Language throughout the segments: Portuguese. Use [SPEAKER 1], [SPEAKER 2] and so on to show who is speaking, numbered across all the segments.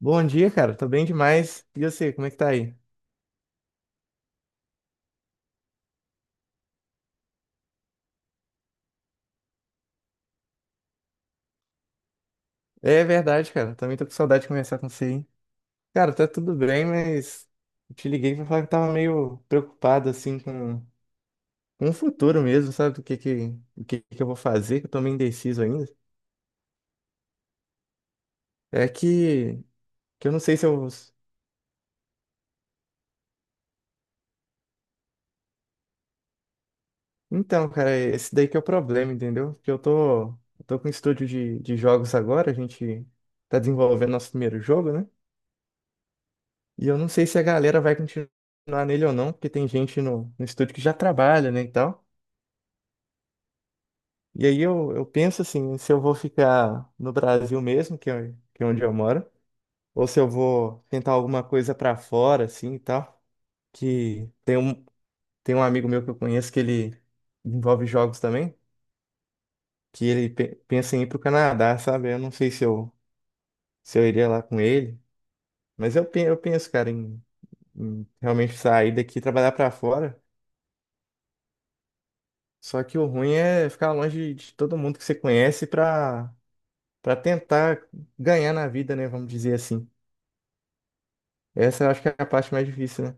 [SPEAKER 1] Bom dia, cara. Tô bem demais. E você, como é que tá aí? É verdade, cara. Também tô com saudade de conversar com você, hein? Cara, tá tudo bem, mas eu te liguei pra falar que eu tava meio preocupado, assim, com o futuro mesmo, sabe? O que que eu vou fazer, que eu tô meio indeciso ainda. É que eu não sei se eu... Então, cara, esse daí que é o problema, entendeu? Porque eu tô com um estúdio de jogos agora, a gente tá desenvolvendo nosso primeiro jogo, né? E eu não sei se a galera vai continuar nele ou não, porque tem gente no estúdio que já trabalha, né, e tal. E aí eu penso assim, se eu vou ficar no Brasil mesmo, que é onde eu moro, ou se eu vou tentar alguma coisa pra fora, assim, e tal. Que tem um, Tem um amigo meu que eu conheço que ele envolve jogos também, que ele pensa em ir pro Canadá, sabe? Eu não sei se eu iria lá com ele, mas eu, eu penso, cara, em, em realmente sair daqui e trabalhar pra fora. Só que o ruim é ficar longe de todo mundo que você conhece pra para tentar ganhar na vida, né? Vamos dizer assim. Essa eu acho que é a parte mais difícil, né?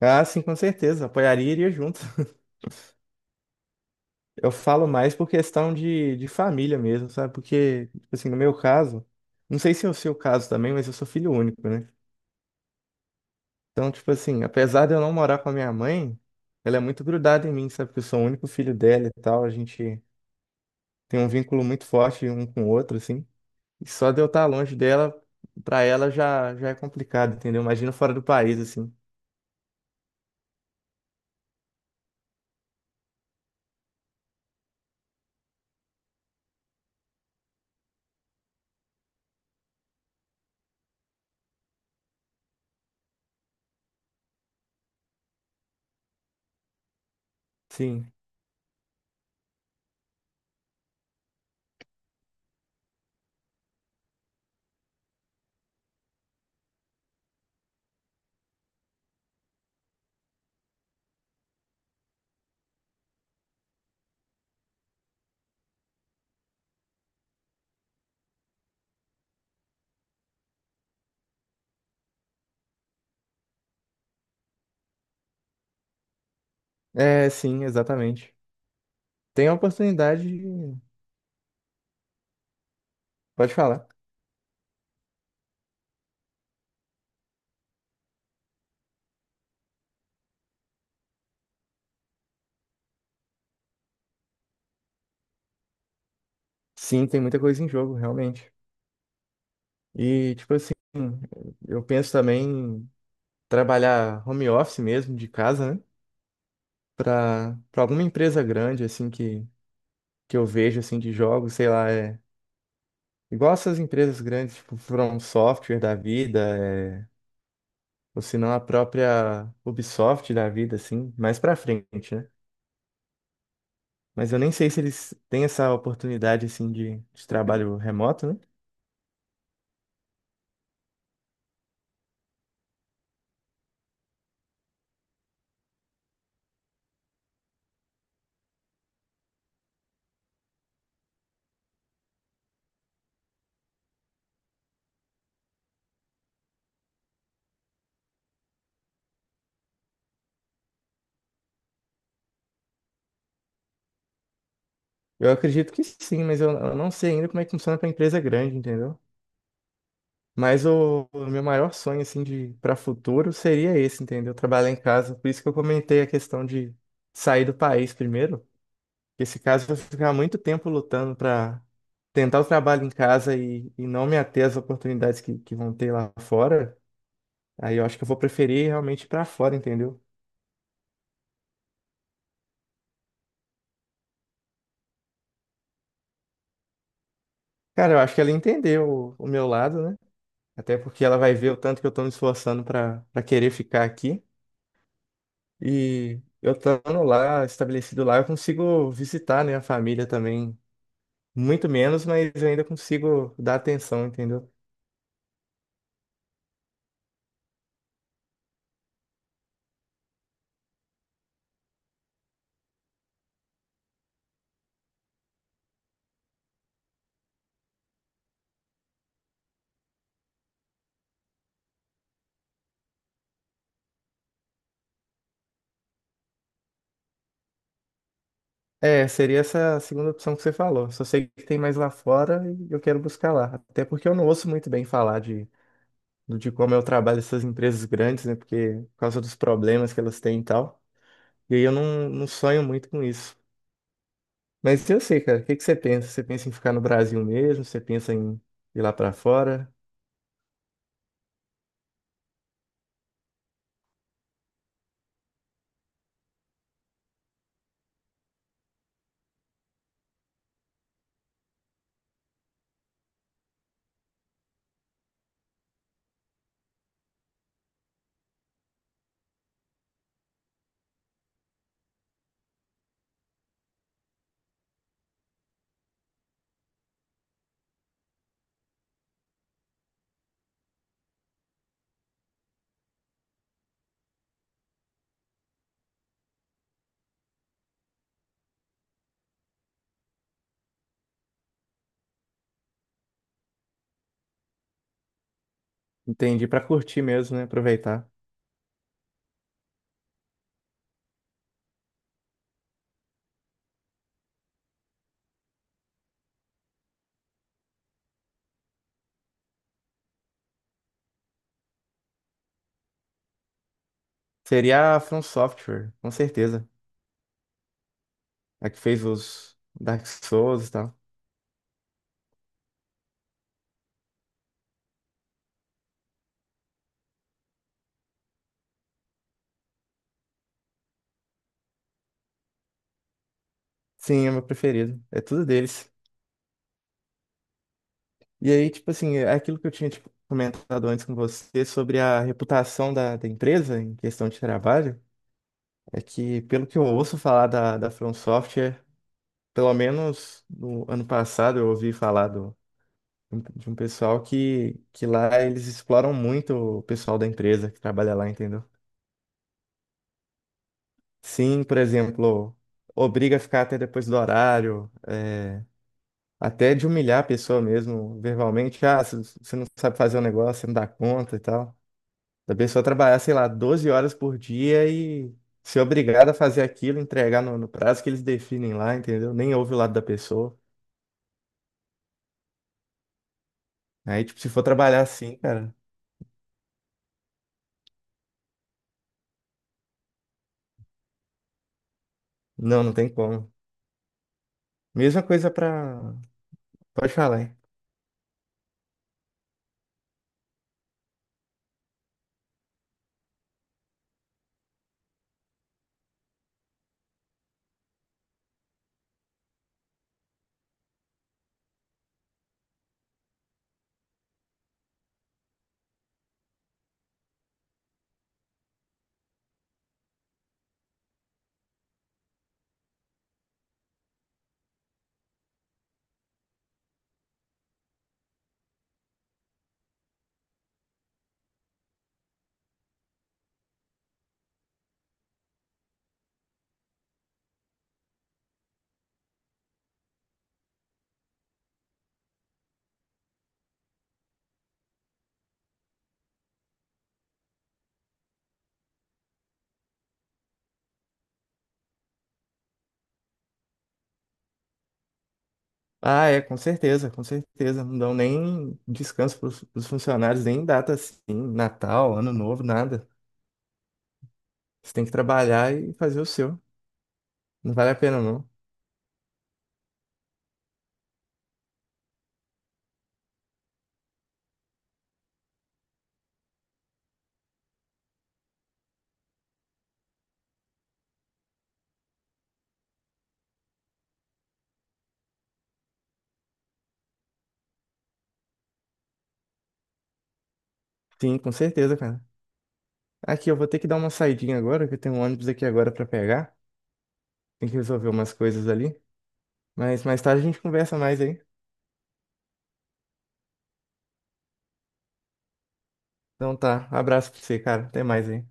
[SPEAKER 1] Ah, sim, com certeza. Apoiaria e iria junto. Eu falo mais por questão de família mesmo, sabe? Porque, tipo assim, no meu caso, não sei se é o seu caso também, mas eu sou filho único, né? Então, tipo assim, apesar de eu não morar com a minha mãe, ela é muito grudada em mim, sabe? Porque eu sou o único filho dela e tal. A gente tem um vínculo muito forte um com o outro, assim. E só de eu estar longe dela, pra ela já é complicado, entendeu? Imagina fora do país, assim. Sim. É, sim, exatamente. Tem a oportunidade de... Pode falar. Sim, tem muita coisa em jogo, realmente. E, tipo assim, eu penso também em trabalhar home office mesmo, de casa, né? Pra alguma empresa grande, assim, que eu vejo, assim, de jogos, sei lá, é... Igual essas empresas grandes, tipo, From Software da vida, é ou se não a própria Ubisoft da vida, assim, mais pra frente, né? Mas eu nem sei se eles têm essa oportunidade, assim, de trabalho remoto, né? Eu acredito que sim, mas eu não sei ainda como é que funciona pra empresa grande, entendeu? Mas o meu maior sonho, assim, de para futuro seria esse, entendeu? Trabalhar em casa. Por isso que eu comentei a questão de sair do país primeiro, porque esse caso eu vou ficar muito tempo lutando pra tentar o trabalho em casa e não me ater às oportunidades que vão ter lá fora. Aí eu acho que eu vou preferir realmente ir pra fora, entendeu? Cara, eu acho que ela entendeu o meu lado, né? Até porque ela vai ver o tanto que eu tô me esforçando pra querer ficar aqui. E eu estando lá, estabelecido lá, eu consigo visitar, né, a família também. Muito menos, mas eu ainda consigo dar atenção, entendeu? É, seria essa segunda opção que você falou. Só sei que tem mais lá fora e eu quero buscar lá. Até porque eu não ouço muito bem falar de como é o trabalho dessas empresas grandes, né? Porque, por causa dos problemas que elas têm e tal. E aí eu não sonho muito com isso. Mas eu sei, cara, o que que você pensa? Você pensa em ficar no Brasil mesmo? Você pensa em ir lá pra fora? Entendi, pra curtir mesmo, né? Aproveitar. Seria a From Software, com certeza. A que fez os Dark Souls e tal. Sim, é meu preferido. É tudo deles. E aí, tipo assim, é aquilo que eu tinha tipo, comentado antes com você sobre a reputação da empresa em questão de trabalho. É que, pelo que eu ouço falar da From Software, pelo menos no ano passado eu ouvi falar de um pessoal que lá eles exploram muito o pessoal da empresa que trabalha lá, entendeu? Sim, por exemplo, obriga a ficar até depois do horário, é, até de humilhar a pessoa mesmo, verbalmente. Ah, você não sabe fazer o negócio, você não dá conta e tal. Da pessoa trabalhar, sei lá, 12 horas por dia e ser obrigada a fazer aquilo, entregar no prazo que eles definem lá, entendeu? Nem ouve o lado da pessoa. Aí, tipo, se for trabalhar assim, cara, não tem como. Mesma coisa pra. Pode falar, hein? Ah, é, com certeza, com certeza. Não dão nem descanso para os funcionários, nem data assim, Natal, Ano Novo, nada. Você tem que trabalhar e fazer o seu. Não vale a pena, não. Sim, com certeza, cara. Aqui, eu vou ter que dar uma saidinha agora, que eu tenho um ônibus aqui agora para pegar. Tem que resolver umas coisas ali. Mas mais tarde a gente conversa mais aí. Então tá, abraço pra você, cara. Até mais aí.